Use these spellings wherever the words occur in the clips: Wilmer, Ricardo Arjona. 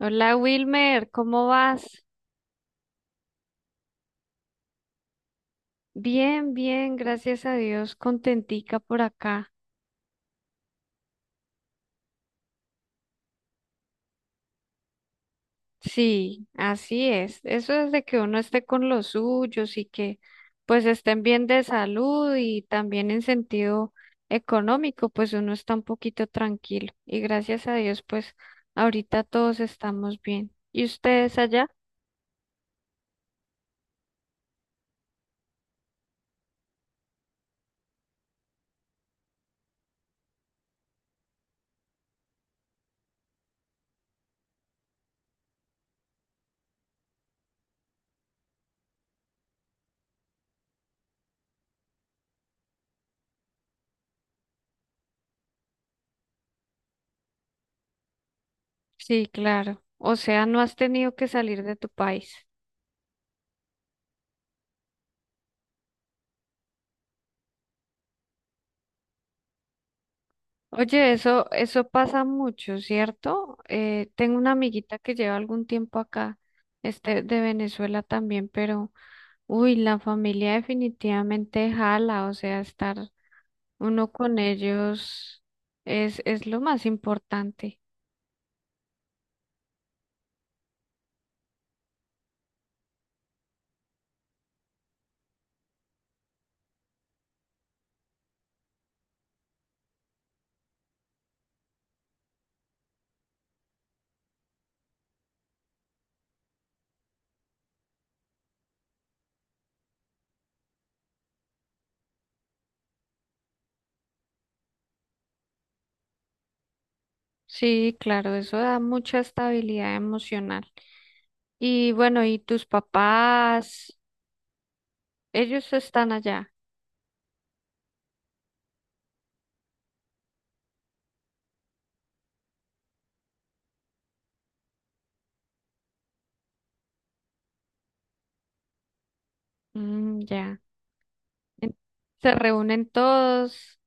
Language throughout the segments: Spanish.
Hola Wilmer, ¿cómo vas? Bien, bien, gracias a Dios, contentica por acá. Sí, así es. Eso es de que uno esté con los suyos y que pues estén bien de salud y también en sentido económico, pues uno está un poquito tranquilo. Y gracias a Dios, pues ahorita todos estamos bien. ¿Y ustedes allá? Sí, claro. O sea, no has tenido que salir de tu país. Oye, eso pasa mucho, ¿cierto? Tengo una amiguita que lleva algún tiempo acá, de Venezuela también, pero, uy, la familia definitivamente jala, o sea, estar uno con ellos es lo más importante. Sí, claro, eso da mucha estabilidad emocional. Y bueno, ¿y tus papás? Ellos están allá. Mm, ya. En- Se reúnen todos.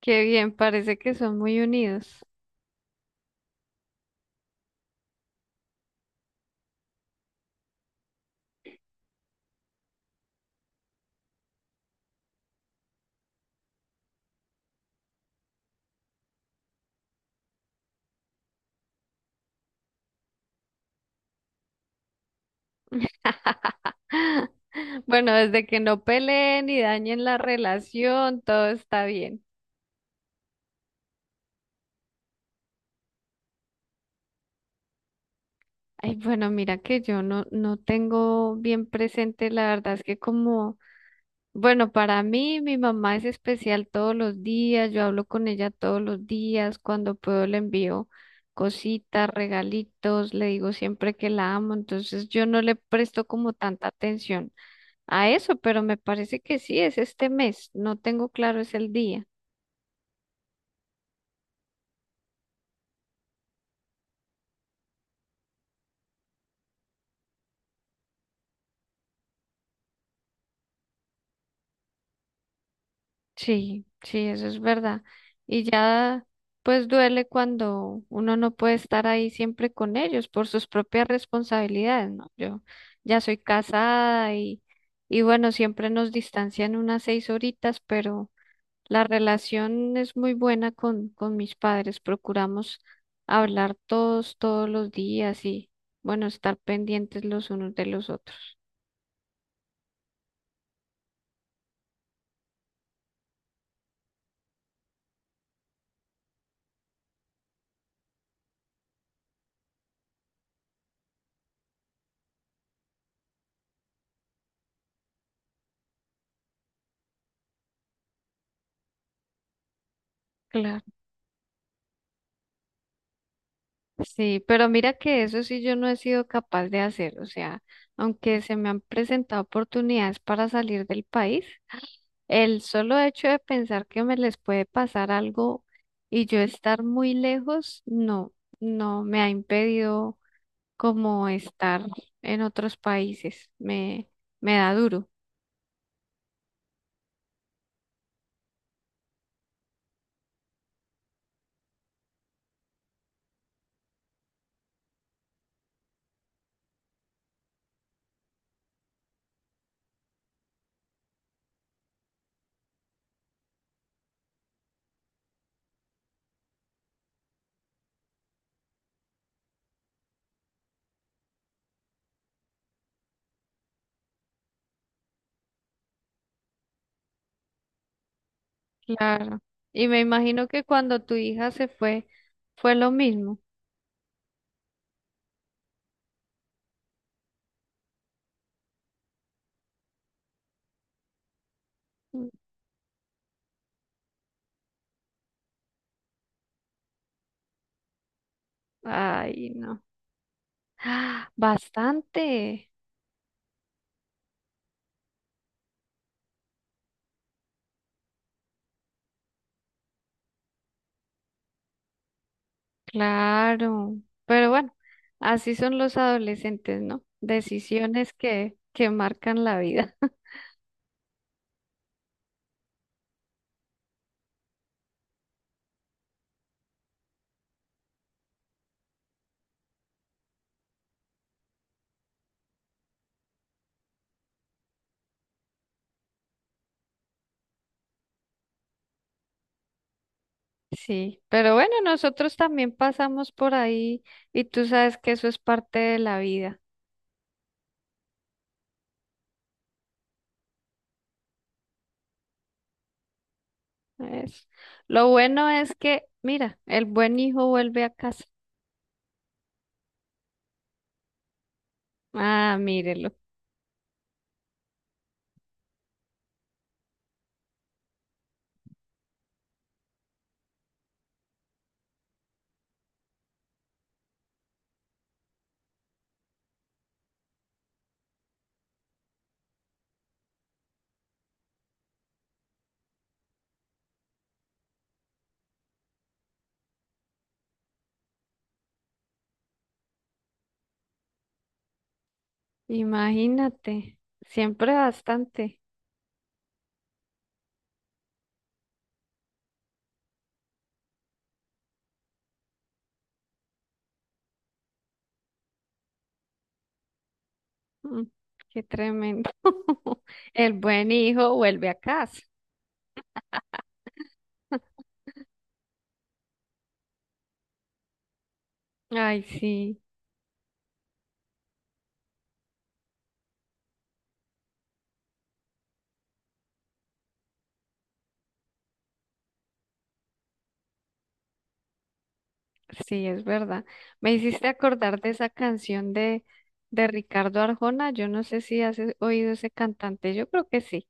Qué bien, parece que son muy unidos. Bueno, desde que no peleen y dañen la relación, todo está bien. Ay, bueno, mira que yo no, no tengo bien presente, la verdad es que como, bueno, para mí mi mamá es especial todos los días, yo hablo con ella todos los días, cuando puedo le envío cositas, regalitos, le digo siempre que la amo, entonces yo no le presto como tanta atención a eso, pero me parece que sí, es este mes. No tengo claro es el día. Sí, sí, eso es verdad. Y ya, pues duele cuando uno no puede estar ahí siempre con ellos por sus propias responsabilidades, ¿no? Yo ya soy casada y bueno, siempre nos distancian unas 6 horitas, pero la relación es muy buena con mis padres. Procuramos hablar todos los días y, bueno, estar pendientes los unos de los otros. Claro. Sí, pero mira que eso sí yo no he sido capaz de hacer, o sea, aunque se me han presentado oportunidades para salir del país, el solo hecho de pensar que me les puede pasar algo y yo estar muy lejos, no, no me ha impedido como estar en otros países, me da duro, claro. Y me imagino que cuando tu hija se fue, fue lo mismo. Ay, no. Bastante. Claro, pero bueno, así son los adolescentes, ¿no? Decisiones que marcan la vida. Sí, pero bueno, nosotros también pasamos por ahí y tú sabes que eso es parte de la vida. Es- Lo bueno es que, mira, el buen hijo vuelve a casa. Ah, mírelo. Imagínate, siempre bastante. Mm, qué tremendo. El buen hijo vuelve a casa. Ay, sí. Sí, es verdad. Me hiciste acordar de esa canción de Ricardo Arjona. Yo no sé si has oído ese cantante. Yo creo que sí.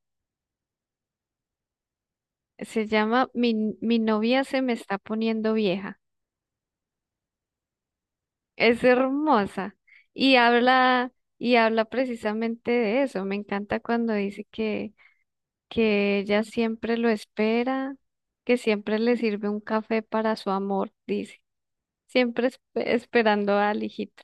Se llama Mi, mi novia se me está poniendo vieja. Es hermosa. Y habla, y habla precisamente de eso. Me encanta cuando dice que ella siempre lo espera, que siempre le sirve un café para su amor, dice. Siempre espe- Esperando al hijito.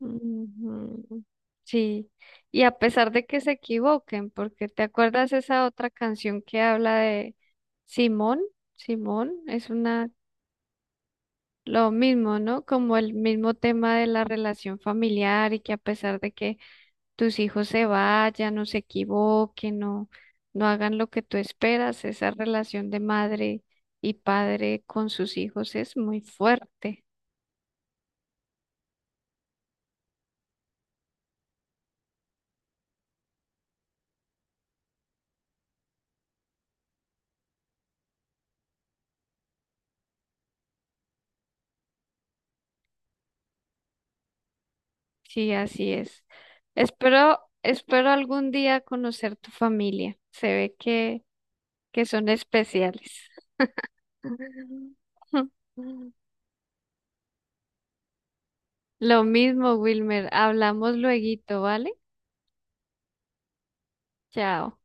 Ujú. Sí, y a pesar de que se equivoquen, porque ¿te acuerdas esa otra canción que habla de Simón? Simón es una Lo mismo, ¿no? Como el mismo tema de la relación familiar y que a pesar de que tus hijos se vayan, no se equivoquen, no no hagan lo que tú esperas, esa relación de madre y padre con sus hijos es muy fuerte. Sí, así es. Espero algún día conocer tu familia. Se ve que son especiales. Lo mismo, Wilmer. Hablamos lueguito, ¿vale? Chao.